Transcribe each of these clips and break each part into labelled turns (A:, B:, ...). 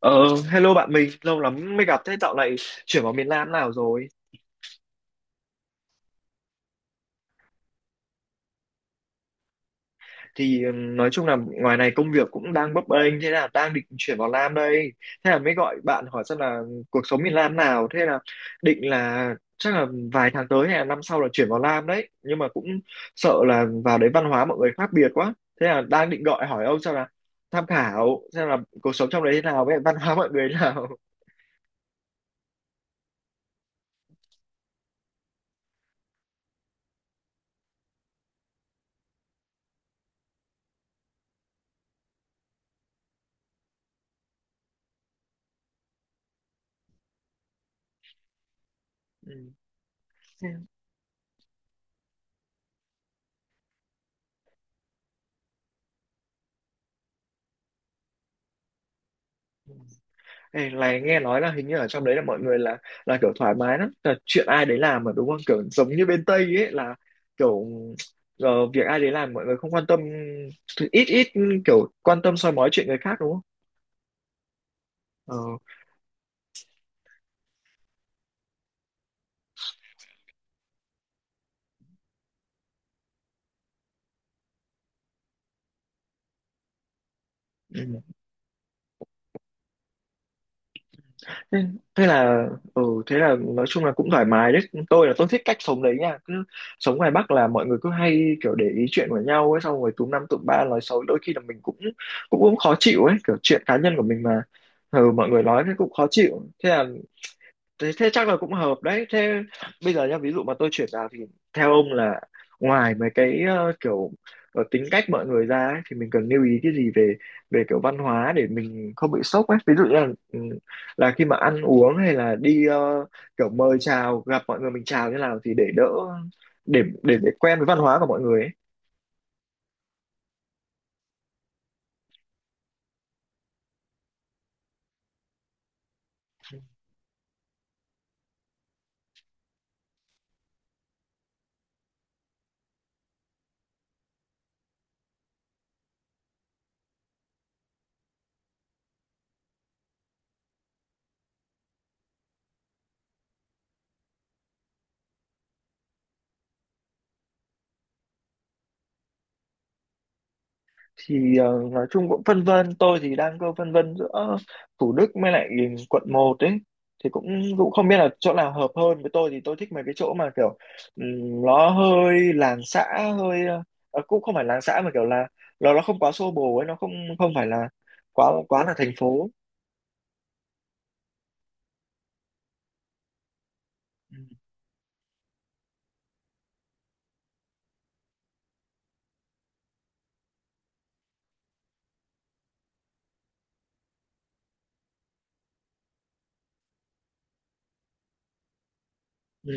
A: Ờ, Hello bạn mình, lâu lắm mới gặp. Thế dạo này chuyển vào miền Nam nào rồi? Thì nói chung là ngoài này công việc cũng đang bấp bênh, thế là đang định chuyển vào Nam đây. Thế là mới gọi bạn hỏi xem là cuộc sống miền Nam nào, thế là định là chắc là vài tháng tới hay là năm sau là chuyển vào Nam đấy. Nhưng mà cũng sợ là vào đấy văn hóa mọi người khác biệt quá. Thế là đang định gọi hỏi ông xem là tham khảo xem là cuộc sống trong đấy thế nào với văn hóa mọi người thế nào. Ừ. Ê, này nghe nói là hình như ở trong đấy là mọi người là kiểu thoải mái lắm, là chuyện ai đấy làm mà đúng không, kiểu giống như bên Tây ấy, là kiểu việc ai đấy làm mọi người không quan tâm, ít ít kiểu quan tâm soi mói chuyện người khác, đúng không? Ờ, ừ. thế, thế là thế là nói chung là cũng thoải mái đấy. Tôi là tôi thích cách sống đấy nha, cứ sống ngoài Bắc là mọi người cứ hay kiểu để ý chuyện của nhau ấy, xong rồi túm năm tụm ba nói xấu, đôi khi là mình cũng cũng cũng khó chịu ấy, kiểu chuyện cá nhân của mình mà, ừ, mọi người nói thế cũng khó chịu. Thế là thế chắc là cũng hợp đấy. Thế bây giờ nhá, ví dụ mà tôi chuyển vào thì theo ông là ngoài mấy cái kiểu tính cách mọi người ra ấy, thì mình cần lưu ý cái gì về về kiểu văn hóa để mình không bị sốc ấy, ví dụ như ừ, là khi mà ăn uống, hay là đi kiểu mời chào gặp mọi người mình chào như nào thì để đỡ, để quen với văn hóa của mọi người ấy. Thì nói chung cũng phân vân. Tôi thì đang cơ phân vân giữa Thủ Đức với lại quận 1 ấy, thì cũng cũng không biết là chỗ nào hợp hơn với tôi. Thì tôi thích mấy cái chỗ mà kiểu nó hơi làng xã, hơi cũng không phải làng xã mà kiểu là nó không quá xô bồ ấy, nó không, không phải là quá quá là thành phố. Ừ.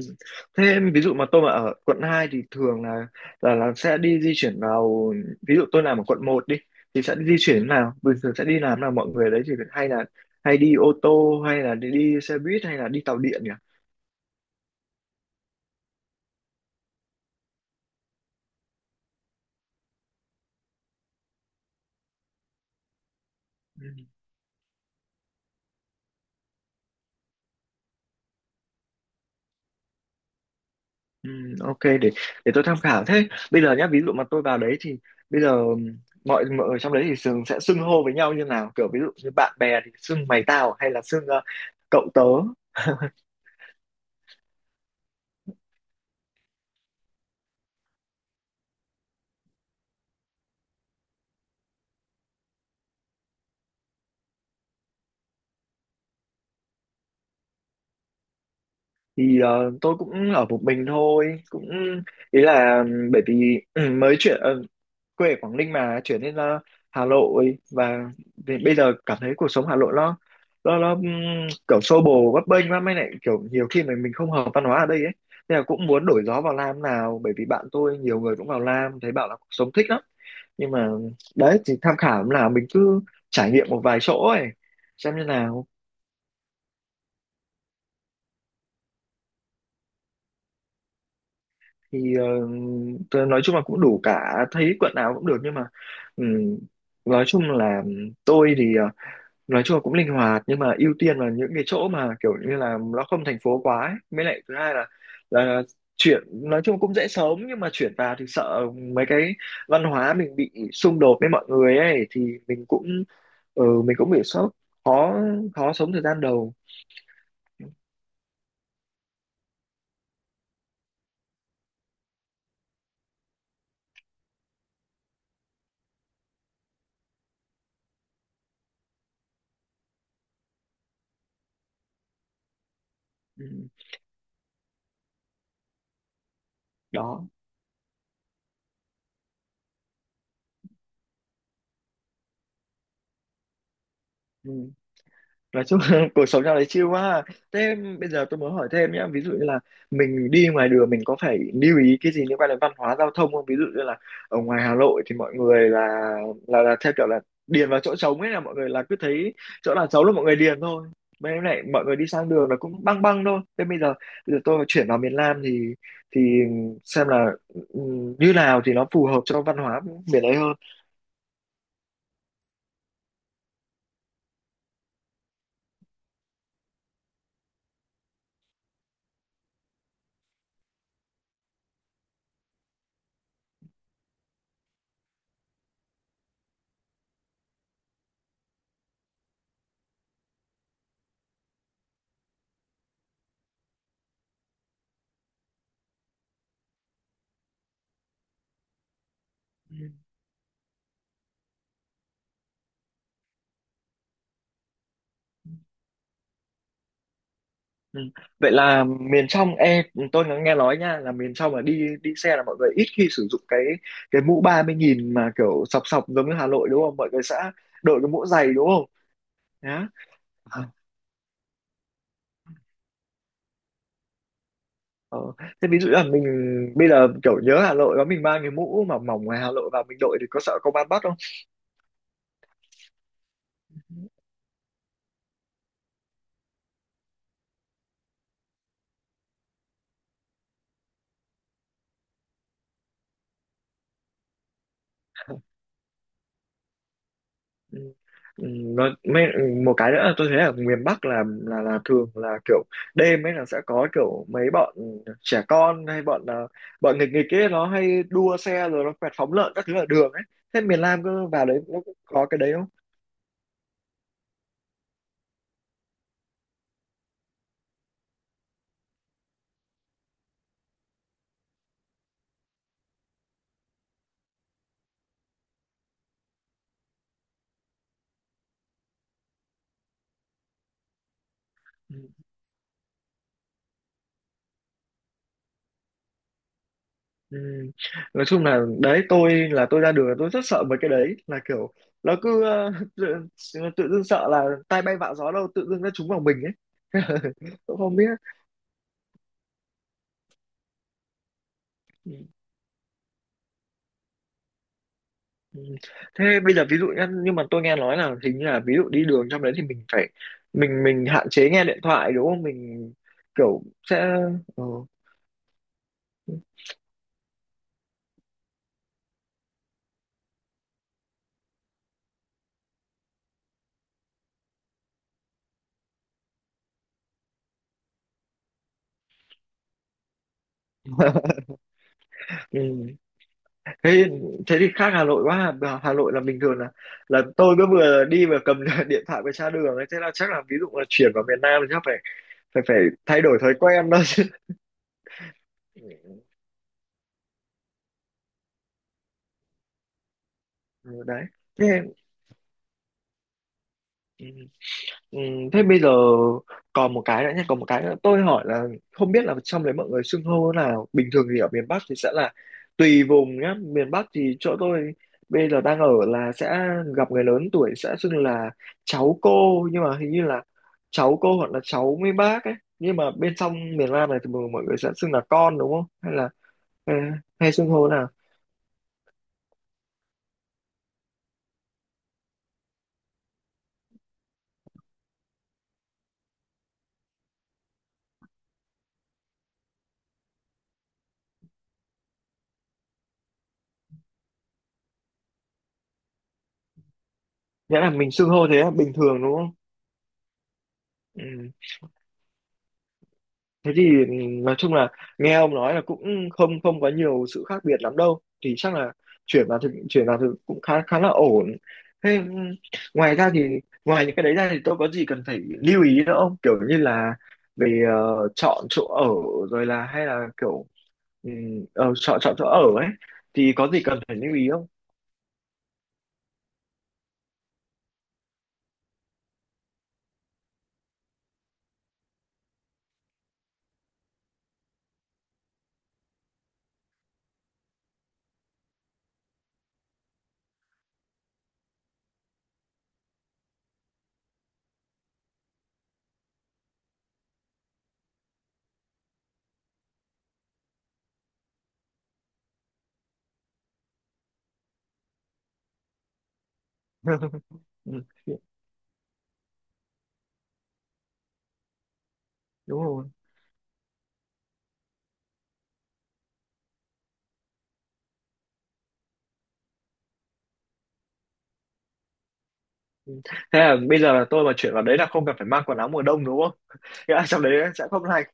A: Thế em, ví dụ mà tôi mà ở quận 2 thì thường là sẽ đi di chuyển vào, ví dụ tôi làm ở quận 1 đi, thì sẽ di chuyển thế nào? Bình thường sẽ đi làm nào mọi người đấy, thì hay đi ô tô hay là đi xe buýt hay là đi tàu điện nhỉ? Ừ. Ừ, ok, để tôi tham khảo. Thế bây giờ nhá, ví dụ mà tôi vào đấy thì bây giờ mọi mọi người trong đấy thì thường sẽ xưng hô với nhau như nào, kiểu ví dụ như bạn bè thì xưng mày tao hay là xưng cậu tớ? Thì tôi cũng ở một mình thôi, ý là bởi vì mới chuyển, quê ở Quảng Ninh mà chuyển lên Hà Nội, và vì bây giờ cảm thấy cuộc sống Hà Nội nó kiểu xô bồ bấp bênh lắm, mới lại kiểu nhiều khi mà mình không hợp văn hóa ở đây ấy, nên là cũng muốn đổi gió vào Nam nào, bởi vì bạn tôi nhiều người cũng vào Nam thấy bảo là cuộc sống thích lắm. Nhưng mà đấy, thì tham khảo là mình cứ trải nghiệm một vài chỗ ấy xem như nào. Thì tớ nói chung là cũng đủ cả, thấy quận nào cũng được, nhưng mà ừm, nói chung là tôi thì nói chung là cũng linh hoạt, nhưng mà ưu tiên là những cái chỗ mà kiểu như là nó không thành phố quá ấy. Mới lại thứ hai là chuyển, nói chung cũng dễ sống nhưng mà chuyển vào thì sợ mấy cái văn hóa mình bị xung đột với mọi người ấy, thì mình cũng mình cũng bị sốc, khó khó sống thời gian đầu. Ừ, đó. Ừ. Nói chung là cuộc sống trong đấy chill quá à. Thế bây giờ tôi muốn hỏi thêm nhé, ví dụ như là mình đi ngoài đường mình có phải lưu ý cái gì liên quan đến văn hóa giao thông không, ví dụ như là ở ngoài Hà Nội thì mọi người là theo kiểu là điền vào chỗ trống ấy, là mọi người là cứ thấy chỗ nào trống là mọi người điền thôi, bên em này mọi người đi sang đường là cũng băng băng thôi. Thế bây giờ tôi chuyển vào miền Nam thì xem là như nào thì nó phù hợp cho văn hóa miền đấy hơn. Ừ. Vậy là miền trong, e tôi có nghe nói nha, là miền trong là đi đi xe là mọi người ít khi sử dụng cái mũ 30.000 mà kiểu sọc sọc giống như Hà Nội đúng không? Mọi người sẽ đội cái mũ dày đúng không? Nhá. Ờ. Ờ. Thế ví dụ là mình bây giờ kiểu nhớ Hà Nội đó, mình mang cái mũ mà mỏng ngoài Hà Nội và mình đội thì có sợ công an bắt? Ừ. Ừ, nó mấy, một cái nữa tôi thấy ở miền Bắc là thường là kiểu đêm ấy là sẽ có kiểu mấy bọn trẻ con hay bọn nghịch nghịch ấy nó hay đua xe, rồi nó quẹt phóng lợn các thứ ở đường ấy. Thế miền Nam cứ vào đấy nó cũng có cái đấy không? Ừ. Ừ. Nói chung là đấy, tôi là tôi ra đường là tôi rất sợ mấy cái đấy, là kiểu nó cứ tự dưng sợ là tai bay vạ gió đâu tự dưng nó trúng vào mình ấy. Cũng không biết. Ừ. Ừ. Thế bây giờ ví dụ nhá, nhưng mà tôi nghe nói là hình như là, ví dụ đi đường trong đấy thì mình phải mình hạn chế nghe điện thoại đúng không? Mình kiểu sẽ, ừ. Ừ. Thế thế thì khác Hà Nội quá. Hà Hà Nội là bình thường là tôi cứ vừa đi vừa cầm điện thoại vừa tra đường ấy. Thế là chắc là ví dụ là chuyển vào miền Nam thì chắc phải phải phải thay đổi thói quen đó chứ. Ừ, đấy. Thế, ừ. Ừ, thế bây giờ còn một cái nữa nhé, còn một cái nữa. Tôi hỏi là không biết là trong đấy mọi người xưng hô thế nào. Bình thường thì ở miền Bắc thì sẽ là tùy vùng nhá. Miền Bắc thì chỗ tôi bây giờ đang ở là sẽ gặp người lớn tuổi sẽ xưng là cháu cô, nhưng mà hình như là cháu cô hoặc là cháu mấy bác ấy. Nhưng mà bên trong miền Nam này thì mọi mọi người sẽ xưng là con đúng không? Hay là hay, hay xưng hô thế nào? Nghĩa là mình xưng hô thế là bình thường đúng không? Ừ. Thế thì nói chung là nghe ông nói là cũng không, không có nhiều sự khác biệt lắm đâu, thì chắc là chuyển vào thực cũng khá khá là ổn. Thế ngoài ra thì, ngoài những cái đấy ra thì tôi có gì cần phải lưu ý nữa không? Kiểu như là về chọn chỗ ở, rồi là hay là kiểu chọn chọn chỗ ở ấy thì có gì cần phải lưu ý không? Ừ, đúng rồi. Ừ. Thế là bây giờ là tôi mà chuyển vào đấy là không cần phải mang quần áo mùa đông đúng không? Nghĩa là trong đấy sẽ không lạnh.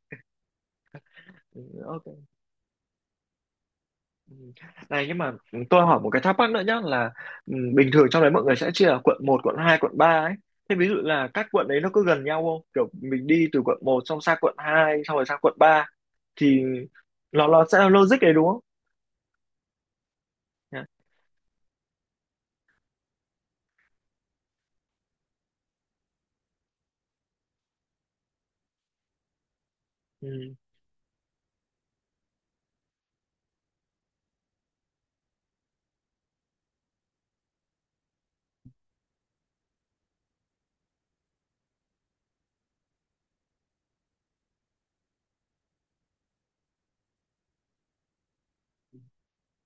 A: Ừ, ok. Ừ. Này nhưng mà tôi hỏi một cái thắc mắc nữa nhá, là bình thường trong đấy mọi người sẽ chia là quận 1, quận 2, quận 3 ấy. Thế ví dụ là các quận đấy nó có gần nhau không? Kiểu mình đi từ quận 1 xong sang quận 2 xong rồi sang quận 3 thì nó sẽ là logic đấy đúng không? Dạ. Ừ.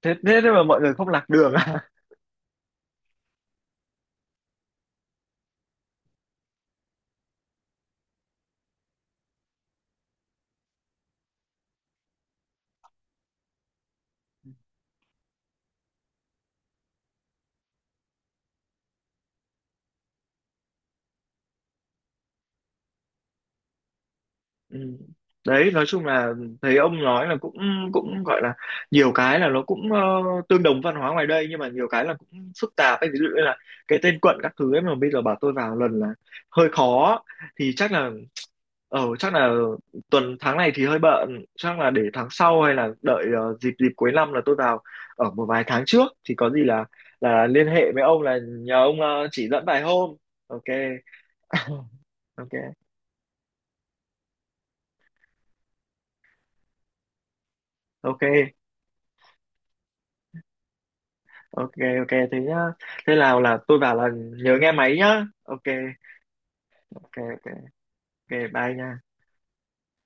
A: Thế thế thế mà mọi người không lạc đường à? Ừ. Đấy, nói chung là thấy ông nói là cũng cũng gọi là nhiều cái là nó cũng tương đồng văn hóa ngoài đây, nhưng mà nhiều cái là cũng phức tạp ấy, ví dụ như là cái tên quận các thứ ấy mà bây giờ bảo tôi vào lần là hơi khó, thì chắc là tuần tháng này thì hơi bận, chắc là để tháng sau hay là đợi dịp dịp cuối năm là tôi vào ở một vài tháng trước, thì có gì là liên hệ với ông là nhờ ông chỉ dẫn vài hôm. Ok. Ok, ok, ok, ok, thế nhá. Thế nào là tôi bảo là nhớ nghe máy nhá. Ok. Ok, ok, ok, bye nha.